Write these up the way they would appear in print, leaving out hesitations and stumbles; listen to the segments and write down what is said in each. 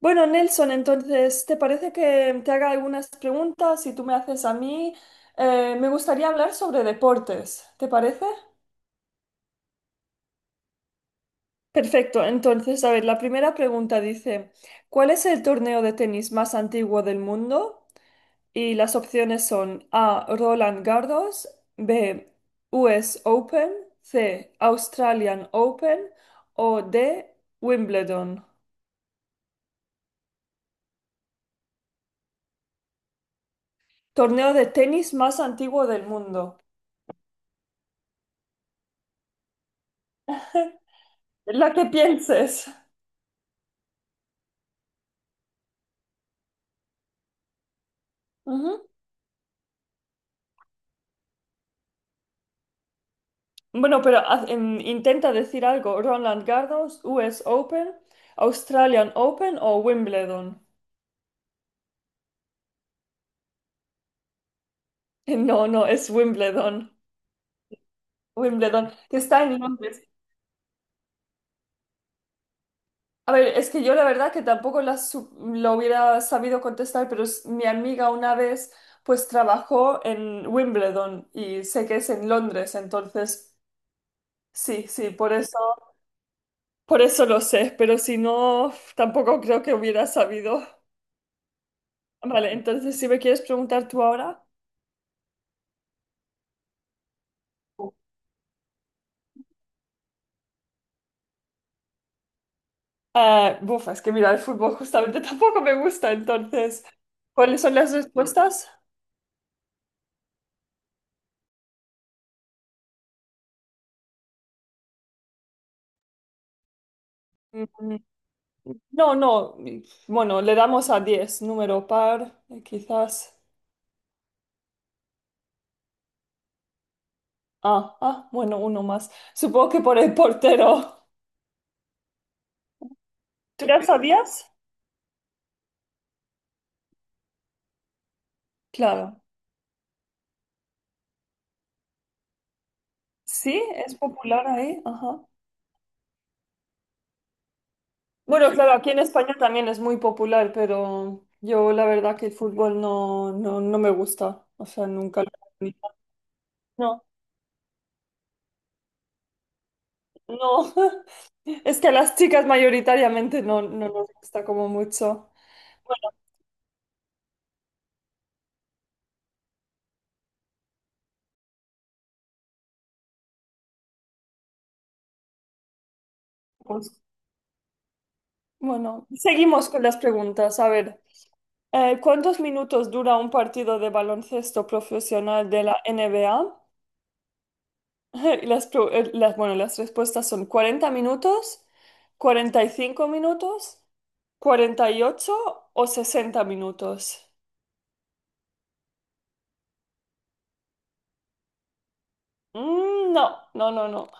Bueno, Nelson, entonces, ¿te parece que te haga algunas preguntas y tú me haces a mí? Me gustaría hablar sobre deportes, ¿te parece? Perfecto, entonces, a ver, la primera pregunta dice, ¿cuál es el torneo de tenis más antiguo del mundo? Y las opciones son A, Roland Garros, B, US Open, C, Australian Open o D, Wimbledon. Torneo de tenis más antiguo del mundo. La que pienses. Ujú. Bueno, pero intenta decir algo. Roland Garros, US Open, Australian Open o Wimbledon. No, no, es Wimbledon. Wimbledon, que está en Londres. A ver, es que yo la verdad que tampoco lo hubiera sabido contestar, pero mi amiga una vez pues trabajó en Wimbledon y sé que es en Londres, entonces sí, sí, por eso lo sé, pero si no, tampoco creo que hubiera sabido. Vale, entonces si me quieres preguntar tú ahora, ah, buf, es que mira, el fútbol justamente tampoco me gusta, entonces, ¿cuáles son las respuestas? Mm, no, no, bueno, le damos a 10 número par, quizás. Ah, ah, bueno, uno más. Supongo que por el portero. ¿Tú ya sabías? Claro. Sí, es popular ahí, ajá. Bueno, claro, aquí en España también es muy popular, pero yo la verdad que el fútbol no me gusta, o sea, nunca lo he tenido. No, es que a las chicas mayoritariamente no, no nos gusta como mucho. Pues, bueno, seguimos con las preguntas. A ver, ¿cuántos minutos dura un partido de baloncesto profesional de la NBA? Y bueno, las respuestas son 40 minutos, 45 minutos, 48 o 60 minutos. Mm, no, no.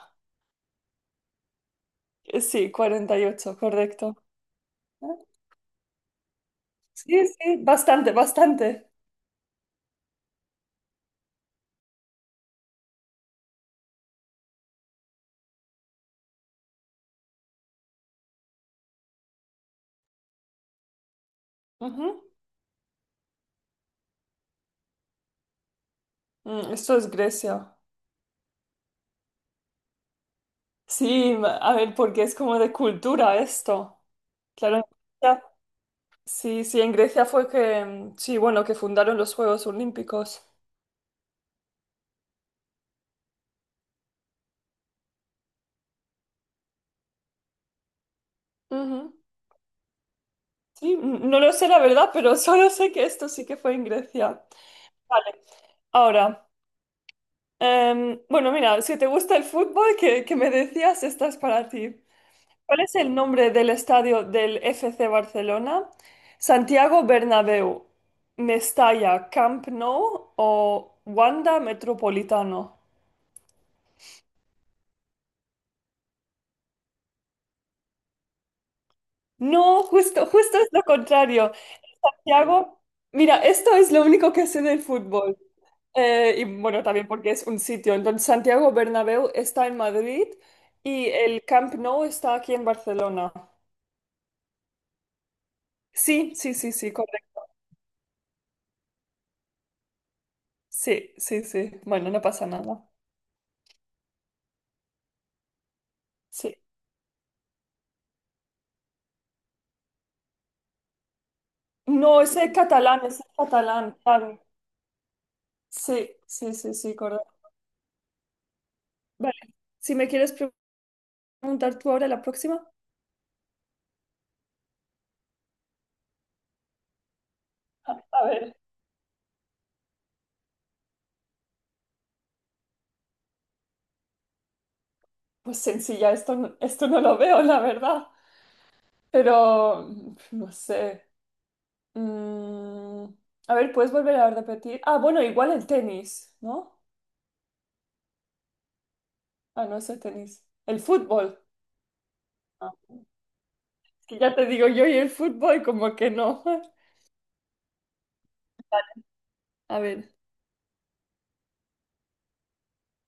Sí, 48, correcto. Sí, sí, bastante, bastante. Ujú. Mm, esto es Grecia. Sí, a ver, porque es como de cultura esto. Claro, en Grecia- sí, sí, en Grecia fue que, mm, sí, bueno, que fundaron los Juegos Olímpicos. Ujú. Sí, no lo sé la verdad, pero solo sé que esto sí que fue en Grecia. Vale, ahora, bueno, mira, si te gusta el fútbol, que me decías, esta es para ti. ¿Cuál es el nombre del estadio del FC Barcelona? ¿Santiago Bernabéu, Mestalla, Camp Nou o Wanda Metropolitano? No, justo, justo es lo contrario. Santiago, mira, esto es lo único que sé del fútbol. Y bueno, también porque es un sitio. Entonces, Santiago Bernabéu está en Madrid y el Camp Nou está aquí en Barcelona. Sí, sí, sí, sí, correcto. Sí, sí, sí. Bueno, no pasa nada. Sí. No, ese es catalán, claro. Sí, sí, sí, sí, correcto. Vale, si me quieres preguntar tú ahora la próxima. A ver, pues sencilla, esto, esto no lo veo, la verdad. Pero, mm, no sé. Mm, a ver, ¿puedes volver a repetir? Ah, bueno, igual el tenis, ¿no? Ah, no es el tenis. El fútbol. Ah, es que ya te digo yo y el fútbol como que no. A ver.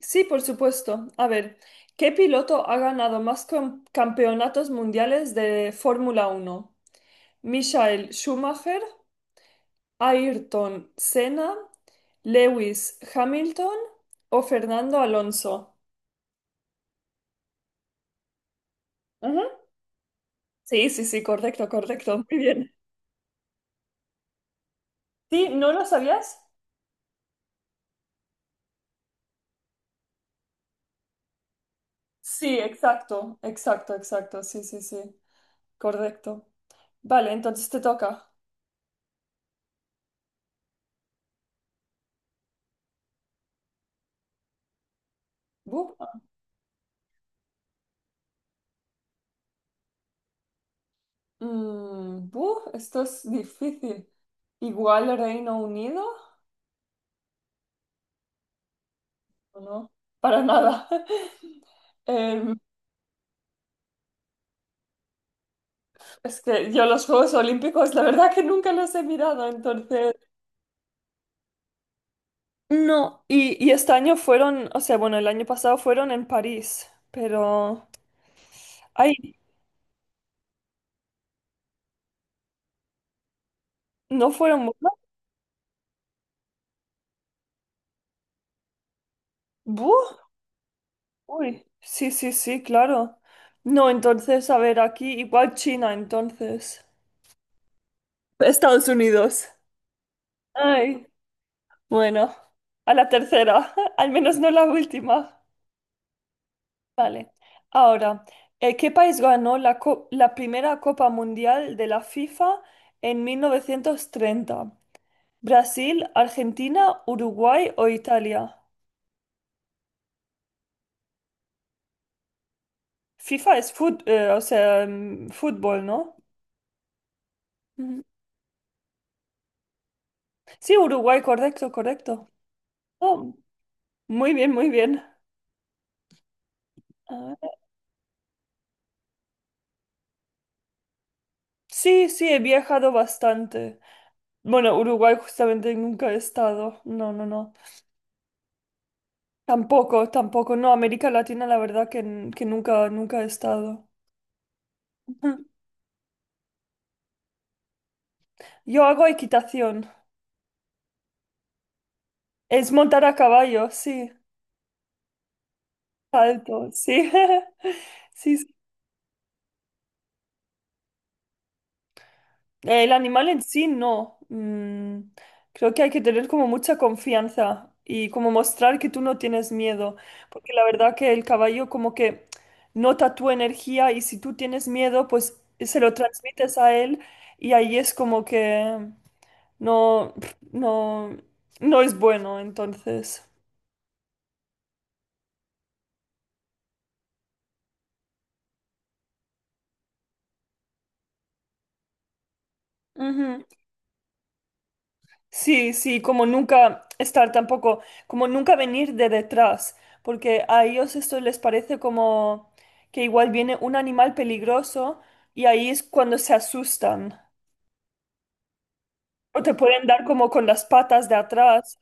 Sí, por supuesto. A ver, ¿qué piloto ha ganado más campeonatos mundiales de Fórmula Uno? ¿Michael Schumacher, Ayrton Senna, Lewis Hamilton o Fernando Alonso? Ujú. Sí, sí, sí, correcto, correcto. Muy bien. ¿Sí? ¿No lo sabías? Sí, exacto, exacto, exacto. Sí, sí, sí. Correcto. Vale, entonces te toca. Bu. Mm, buf, esto es difícil. Igual Reino Unido, ¿o no? Para nada. Em, es que yo los Juegos Olímpicos, la verdad que nunca los he mirado, entonces... No, y este año fueron, o sea, bueno, el año pasado fueron en París, pero... Ay, ¿no fueron buenos? Buf, uy, sí, sí, sí, claro. No, entonces, a ver, aquí igual China, entonces. Estados Unidos. Ay. Bueno, a la tercera, al menos no la última. Vale. Ahora, ¿qué país ganó la primera Copa Mundial de la FIFA en 1930? ¿Brasil, Argentina, Uruguay o Italia? FIFA es o sea, mm, fútbol, ¿no? Ujú. Sí, Uruguay, correcto, correcto. Oh, muy bien, muy bien. A ver. Sí, sí, he viajado bastante. Bueno, Uruguay justamente nunca he estado. No, no, no. Tampoco, tampoco. No, América Latina la verdad que, que nunca, nunca he estado. Yo hago equitación. Es montar a caballo, sí. Salto, sí. Sí, el animal en sí no. Mm, creo que hay que tener como mucha confianza y como mostrar que tú no tienes miedo, porque la verdad que el caballo como que nota tu energía y si tú tienes miedo, pues se lo transmites a él y ahí es como que no, no, no es bueno, entonces. Ujú. Sí, sí, como nunca estar tampoco, como nunca venir de detrás, porque a ellos esto les parece como que igual viene un animal peligroso y ahí es cuando se asustan. O te pueden dar como con las patas de atrás.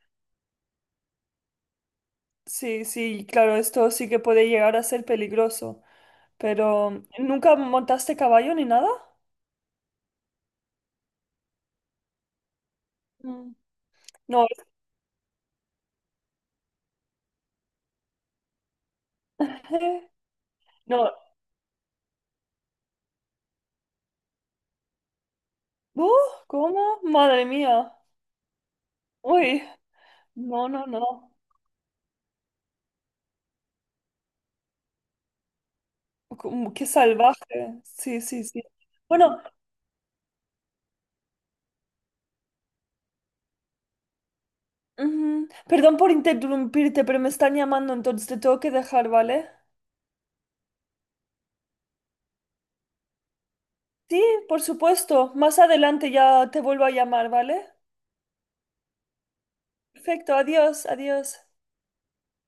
Sí, sí, claro, esto sí que puede llegar a ser peligroso, pero ¿nunca montaste caballo ni nada? Mm. No, no. Uh, ¿Cómo? Madre mía. Uy, no, no, no. Como, qué salvaje. Sí, sí, sí. Bueno, ujú, perdón por interrumpirte, pero me están llamando, entonces te tengo que dejar, ¿vale? Sí, por supuesto. Más adelante ya te vuelvo a llamar, ¿vale? Perfecto, adiós, adiós.